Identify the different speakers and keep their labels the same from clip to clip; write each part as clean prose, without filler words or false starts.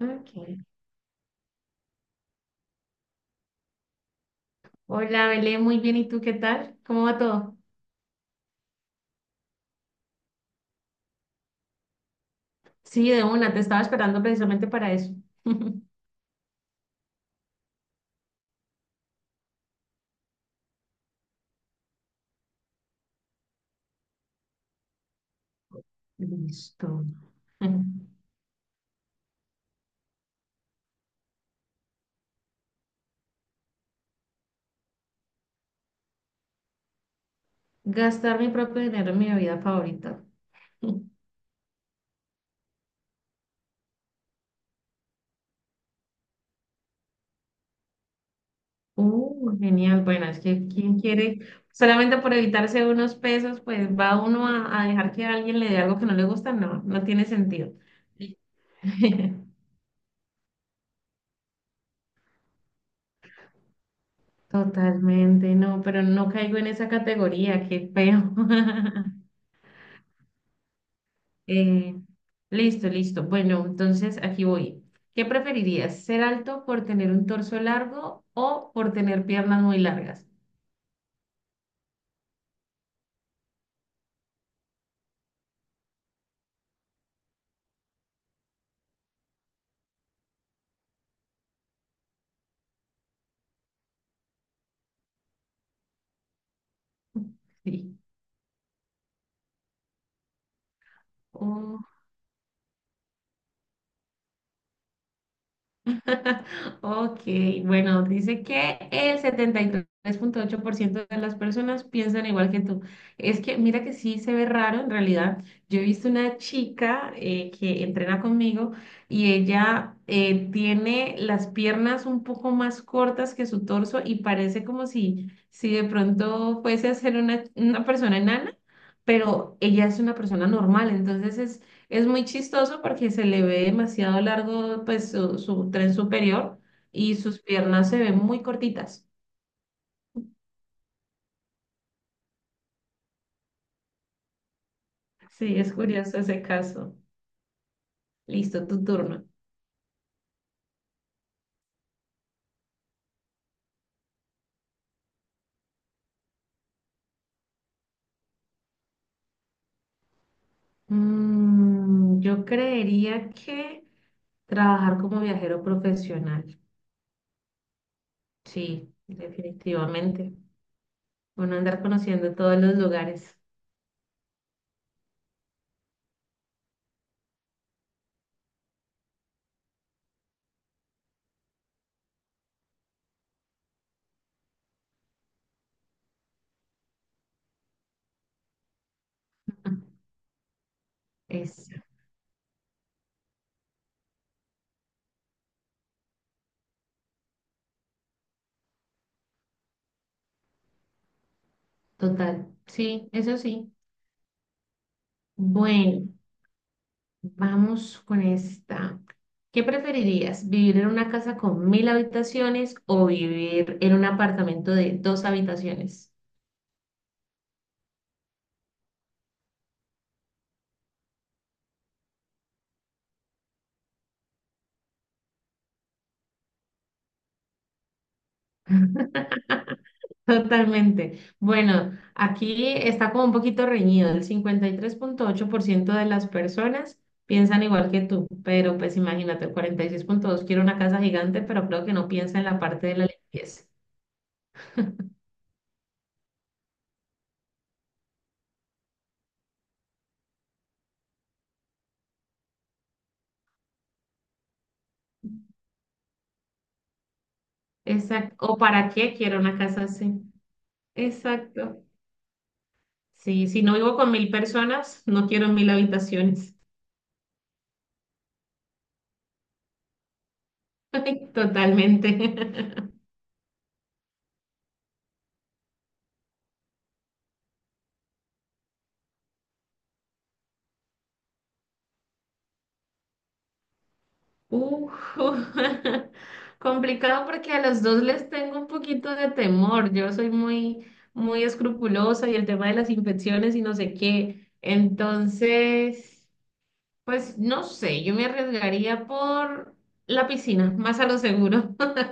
Speaker 1: Ok. Hola, Belén, muy bien. ¿Y tú qué tal? ¿Cómo va todo? Sí, de una, te estaba esperando precisamente para eso. Listo. Gastar mi propio dinero en mi bebida favorita. ¡Genial! Bueno, es que quién quiere, solamente por evitarse unos pesos, pues va uno a dejar que alguien le dé algo que no le gusta. No, no tiene sentido. Totalmente, no, pero no caigo en esa categoría. Qué feo. Eh, Listo, listo. Bueno, entonces aquí voy. ¿Qué preferirías? ¿Ser alto por tener un torso largo o por tener piernas muy largas? Sí. Oh. Ok, bueno, dice que el 73,8% de las personas piensan igual que tú. Es que mira que sí se ve raro en realidad. Yo he visto una chica que entrena conmigo y ella tiene las piernas un poco más cortas que su torso y parece como si de pronto fuese a ser una persona enana, pero ella es una persona normal, entonces es muy chistoso porque se le ve demasiado largo, pues, su tren superior y sus piernas se ven muy cortitas. Sí, es curioso ese caso. Listo, tu turno. Yo creería que trabajar como viajero profesional. Sí, definitivamente. Bueno, andar conociendo todos los lugares. Es total. Sí, eso sí. Bueno. Vamos con esta. ¿Qué preferirías? ¿Vivir en una casa con mil habitaciones o vivir en un apartamento de dos habitaciones? Totalmente. Bueno, aquí está como un poquito reñido. El 53,8% de las personas piensan igual que tú, pero pues imagínate, el 46,2 quiere una casa gigante, pero creo que no piensa en la parte de la limpieza. Exacto. ¿O para qué quiero una casa así? Exacto. Sí, si no vivo con mil personas, no quiero mil habitaciones. Totalmente. Uf, complicado porque a los dos les tengo un poquito de temor. Yo soy muy, muy escrupulosa y el tema de las infecciones y no sé qué. Entonces, pues no sé, yo me arriesgaría por la piscina, más a lo seguro.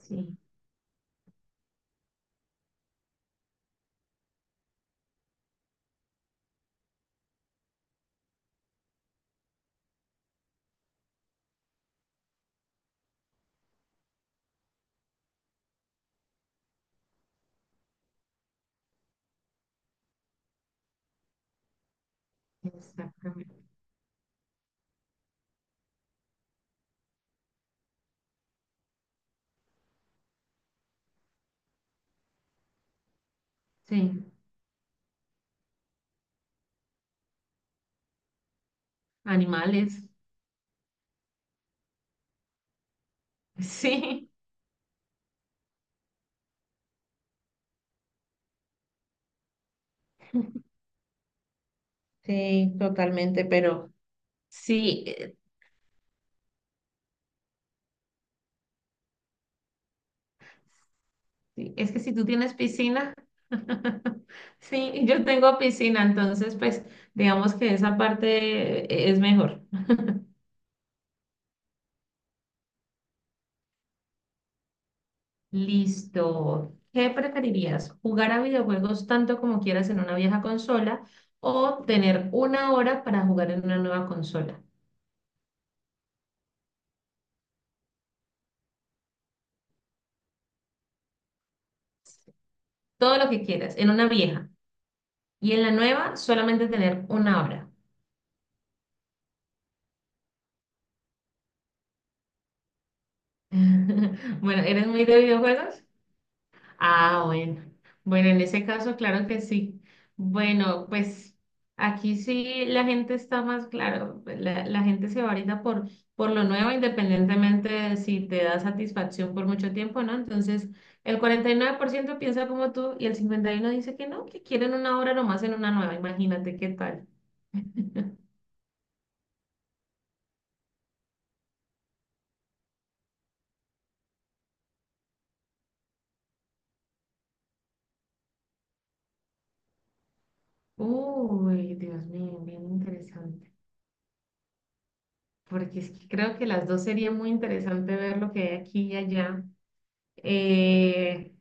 Speaker 1: Sí, exactamente. Sí, animales. Sí, sí, totalmente, pero... Sí, sí, es que si tú tienes piscina, sí, yo tengo piscina, entonces pues digamos que esa parte es mejor. Listo. ¿Qué preferirías? ¿Jugar a videojuegos tanto como quieras en una vieja consola o tener una hora para jugar en una nueva consola? Todo lo que quieras, en una vieja. Y en la nueva solamente tener una hora. Bueno, ¿eres muy de videojuegos? Ah, bueno. Bueno, en ese caso, claro que sí. Bueno, pues aquí sí la gente está más, claro, pues, la gente se va ahorita por lo nuevo, independientemente de si te da satisfacción por mucho tiempo, ¿no? Entonces, el 49% piensa como tú y el 51% dice que no, que quieren una obra nomás en una nueva. Imagínate qué tal. Uy, Dios mío, bien interesante. Porque es que creo que las dos sería muy interesante ver lo que hay aquí y allá. Eh,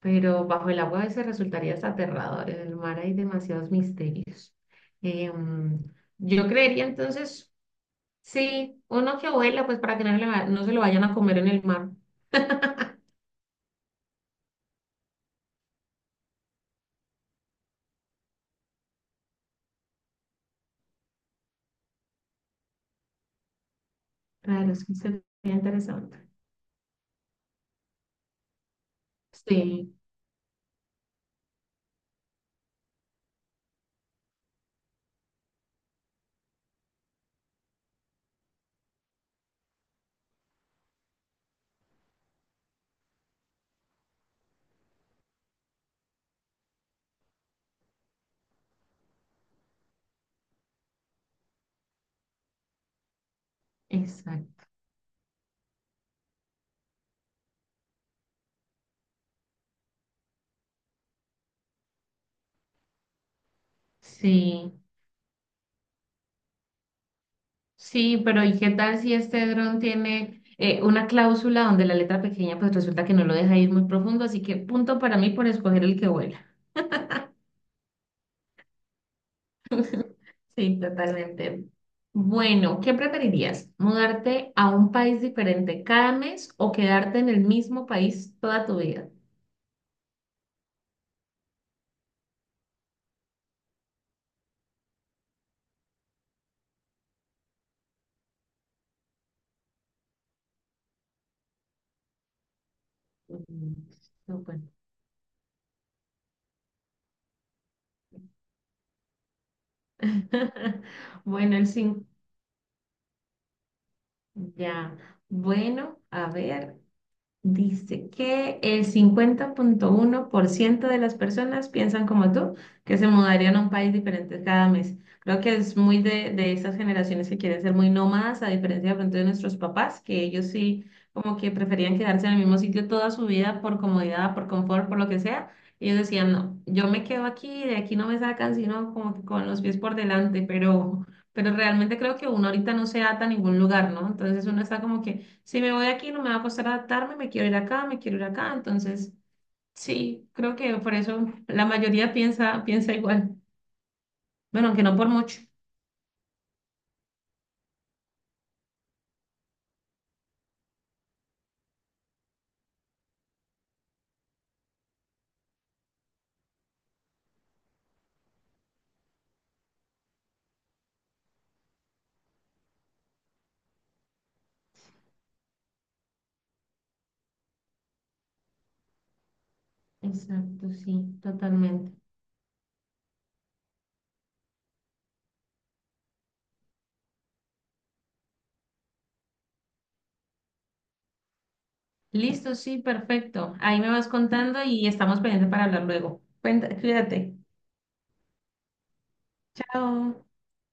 Speaker 1: pero bajo el agua a veces resultaría hasta aterrador. En el mar hay demasiados misterios. Em, yo creería entonces, sí, uno que vuela, pues para que no, no se lo vayan a comer en el mar. Claro, es que sería interesante. Sí, exacto. Sí, sí, pero ¿y qué tal si este dron tiene una cláusula donde la letra pequeña pues resulta que no lo deja ir muy profundo? Así que punto para mí por escoger el que vuela. Sí, totalmente. Bueno, ¿qué preferirías? ¿Mudarte a un país diferente cada mes o quedarte en el mismo país toda tu vida? Mm, súper. Bueno, el 5 ya. Bueno, a ver. Dice que el 50,1% de las personas piensan como tú, que se mudarían a un país diferente cada mes. Creo que es muy de esas generaciones que quieren ser muy nómadas, a diferencia de pronto de nuestros papás, que ellos sí como que preferían quedarse en el mismo sitio toda su vida por comodidad, por confort, por lo que sea. Ellos decían, no, yo me quedo aquí, de aquí no me sacan, sino como que con los pies por delante, pero realmente creo que uno ahorita no se ata a ningún lugar, ¿no? Entonces uno está como que... Si me voy de aquí no me va a costar adaptarme, me quiero ir acá, me quiero ir acá. Entonces, sí, creo que por eso la mayoría piensa igual. Bueno, aunque no por mucho. Exacto, sí, totalmente. Listo, sí, perfecto. Ahí me vas contando y estamos pendientes para hablar luego. Cuenta, cuídate. Chao.